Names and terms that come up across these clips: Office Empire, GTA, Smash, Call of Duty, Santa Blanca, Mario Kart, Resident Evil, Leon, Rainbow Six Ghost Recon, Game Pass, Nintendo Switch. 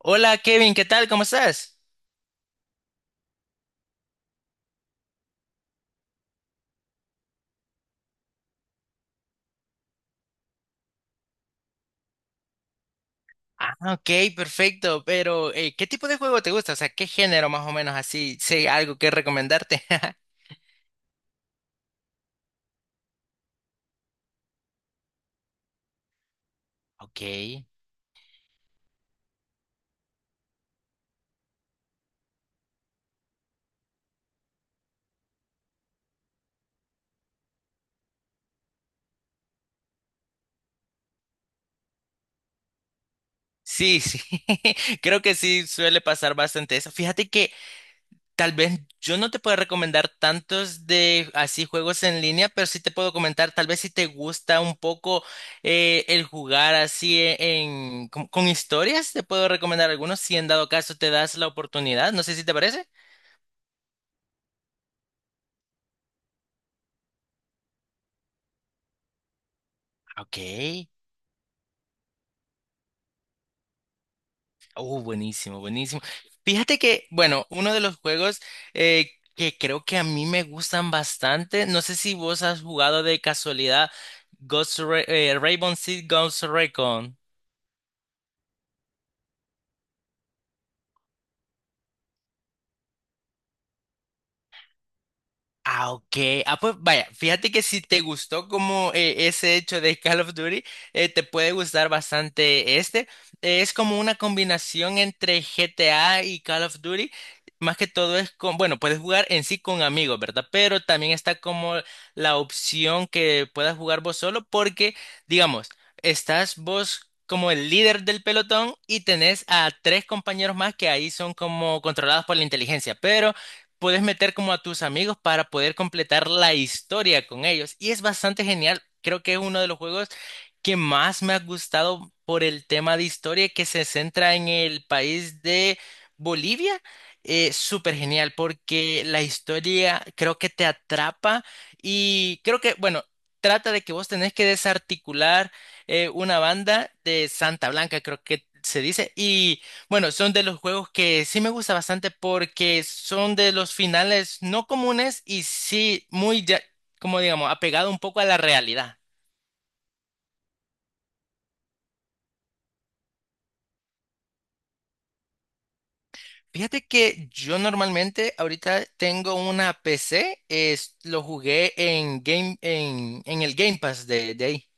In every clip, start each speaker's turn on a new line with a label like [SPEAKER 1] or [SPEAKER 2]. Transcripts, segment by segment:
[SPEAKER 1] Hola Kevin, ¿qué tal? ¿Cómo estás? Ah, ok, perfecto. Pero, ¿qué tipo de juego te gusta? O sea, ¿qué género más o menos así? Sé algo que recomendarte. Ok. Sí, sí. Creo que sí suele pasar bastante eso. Fíjate que tal vez yo no te puedo recomendar tantos de así juegos en línea, pero sí te puedo comentar, tal vez si te gusta un poco el jugar así en, con historias, te puedo recomendar algunos si en dado caso te das la oportunidad. No sé si te parece. Ok. Oh, buenísimo, buenísimo. Fíjate que, bueno, uno de los juegos que creo que a mí me gustan bastante, no sé si vos has jugado de casualidad Rainbow Six Ghost Recon. Ah, ok. Ah, pues vaya, fíjate que si te gustó como ese hecho de Call of Duty, te puede gustar bastante este. Es como una combinación entre GTA y Call of Duty. Más que todo es con, bueno, puedes jugar en sí con amigos, ¿verdad? Pero también está como la opción que puedas jugar vos solo porque, digamos, estás vos como el líder del pelotón y tenés a tres compañeros más que ahí son como controlados por la inteligencia. Pero puedes meter como a tus amigos para poder completar la historia con ellos. Y es bastante genial. Creo que es uno de los juegos que más me ha gustado por el tema de historia que se centra en el país de Bolivia. Súper genial porque la historia creo que te atrapa y creo que, bueno, trata de que vos tenés que desarticular una banda de Santa Blanca, creo que se dice, y bueno, son de los juegos que sí me gusta bastante porque son de los finales no comunes y sí muy, como digamos, apegado un poco a la realidad. Fíjate que yo normalmente ahorita tengo una PC, es, lo jugué en en el Game Pass de ahí.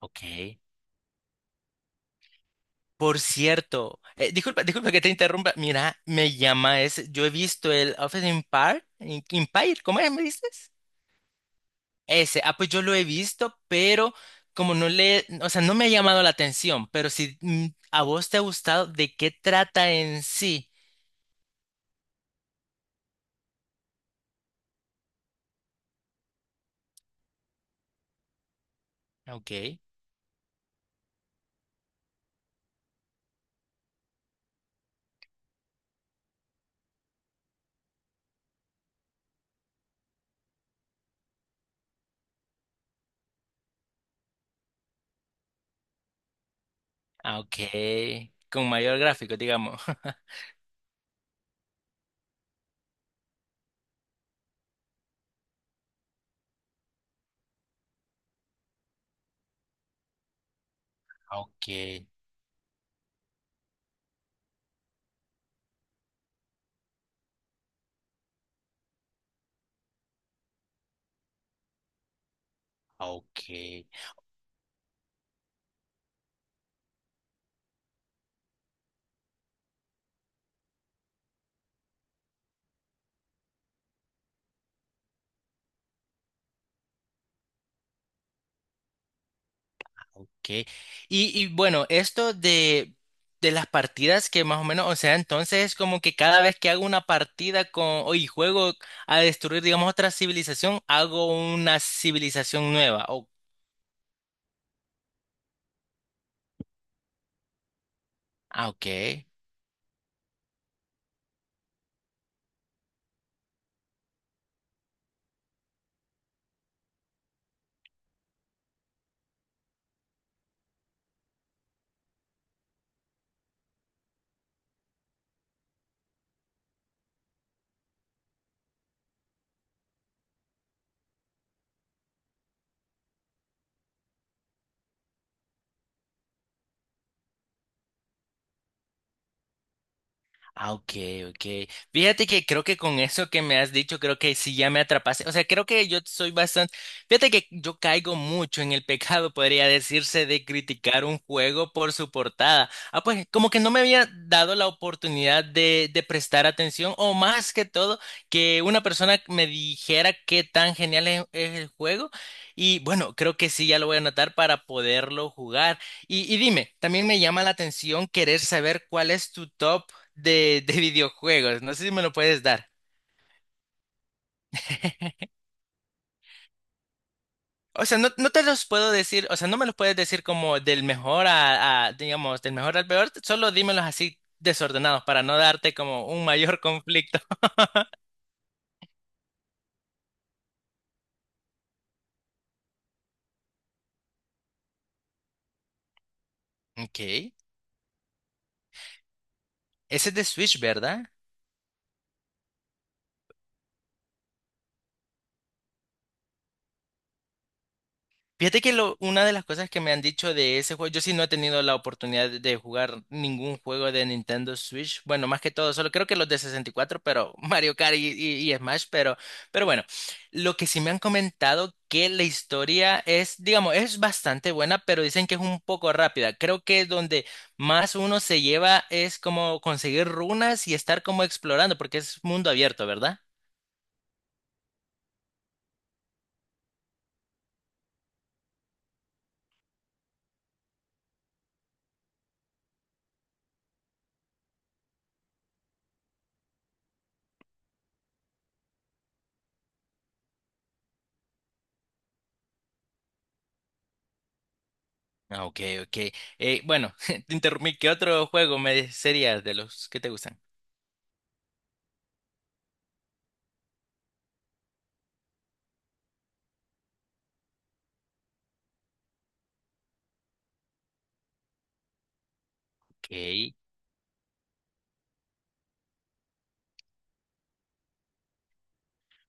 [SPEAKER 1] Ok. Por cierto, disculpa, disculpa que te interrumpa. Mira, me llama ese. Yo he visto el Office Empire, Empire, ¿cómo es? ¿Me dices? Ese, ah, pues yo lo he visto, pero como no le, o sea, no me ha llamado la atención, pero si mm, a vos te ha gustado, ¿de qué trata en sí? Ok, ah, ok, con mayor gráfico, digamos. Ah, ok, ah, ok, ok. Y bueno, esto de las partidas que más o menos, o sea, entonces es como que cada vez que hago una partida con, o y juego a destruir, digamos, otra civilización, hago una civilización nueva. Oh, ah, ok. Ah, ok, ok. Fíjate que creo que con eso que me has dicho, creo que sí ya me atrapaste. O sea, creo que yo soy bastante. Fíjate que yo caigo mucho en el pecado, podría decirse, de criticar un juego por su portada. Ah, pues como que no me había dado la oportunidad de prestar atención, o más que todo, que una persona me dijera qué tan genial es el juego. Y bueno, creo que sí ya lo voy a anotar para poderlo jugar. Y dime, también me llama la atención querer saber cuál es tu top de videojuegos. No sé si me lo puedes dar. O sea, no, no te los puedo decir, o sea, no me los puedes decir como del mejor a, digamos, del mejor al peor, solo dímelos así desordenados para no darte como un mayor conflicto. Ok. Ese es de Switch, ¿verdad? Fíjate que una de las cosas que me han dicho de ese juego, yo sí no he tenido la oportunidad de jugar ningún juego de Nintendo Switch, bueno, más que todo, solo creo que los de 64, pero Mario Kart y, y Smash, pero bueno, lo que sí me han comentado que la historia es, digamos, es bastante buena, pero dicen que es un poco rápida. Creo que donde más uno se lleva es como conseguir runas y estar como explorando, porque es mundo abierto, ¿verdad? Ah, ok, ok. Bueno, te interrumpí. ¿Qué otro juego me sería de los que te gustan? Ok.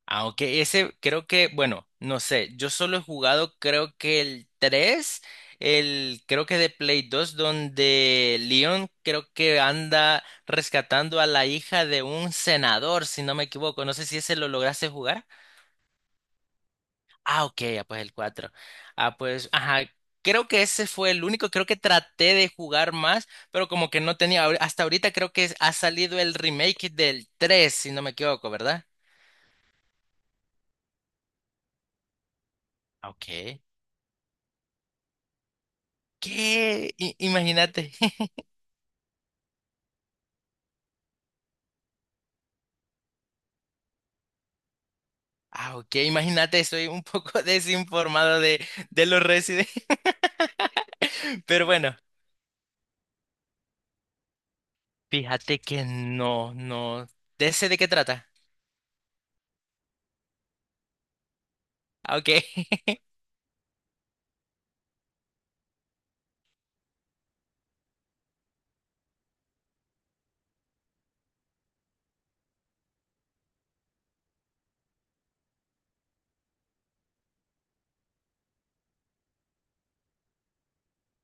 [SPEAKER 1] Ah, ok. Ese creo que, bueno, no sé. Yo solo he jugado, creo que el 3, el, creo que de Play 2, donde Leon creo que anda rescatando a la hija de un senador, si no me equivoco. No sé si ese lo lograste jugar. Ah, ok, ah, pues el 4. Ah, pues, ajá, creo que ese fue el único, creo que traté de jugar más, pero como que no tenía, hasta ahorita creo que ha salido el remake del tres, si no me equivoco, ¿verdad? Ah, ok. ¿Qué? Imagínate. Ah, ok, imagínate, estoy un poco desinformado de los Resident, pero bueno, fíjate que no, no, ¿de ese de qué trata? Ah, ok.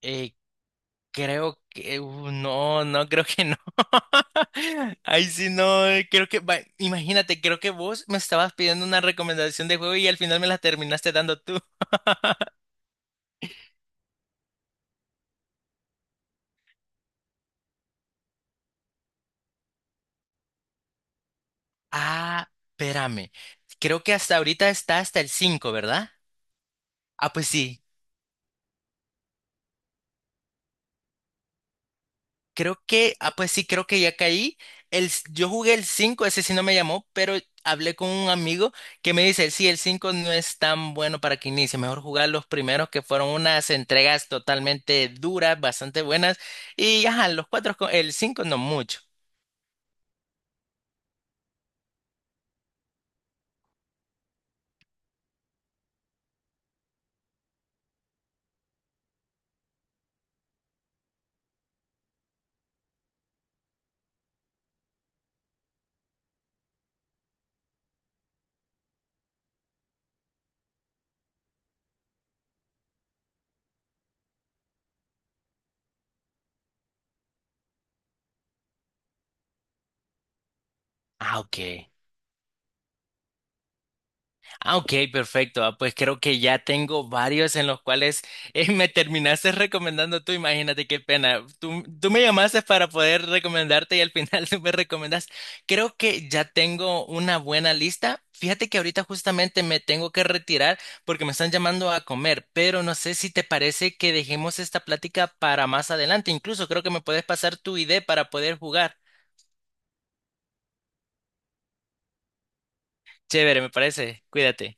[SPEAKER 1] Eh, creo que no, no creo que no. Ay sí no, creo que imagínate, creo que vos me estabas pidiendo una recomendación de juego y al final me la terminaste dando tú. Ah, espérame. Creo que hasta ahorita está hasta el cinco, ¿verdad? Ah, pues sí, creo que, ah, pues sí, creo que ya caí. El, yo jugué el cinco, ese sí no me llamó, pero hablé con un amigo que me dice, sí, el 5 no es tan bueno para que inicie, mejor jugar los primeros que fueron unas entregas totalmente duras, bastante buenas, y ajá, los cuatro, el 5 no mucho. Ah, ok. Ah, ok, perfecto. Ah, pues creo que ya tengo varios en los cuales me terminaste recomendando tú. Imagínate qué pena. Tú me llamaste para poder recomendarte y al final tú me recomendas. Creo que ya tengo una buena lista. Fíjate que ahorita justamente me tengo que retirar porque me están llamando a comer, pero no sé si te parece que dejemos esta plática para más adelante. Incluso creo que me puedes pasar tu idea para poder jugar. Chévere, me parece. Cuídate.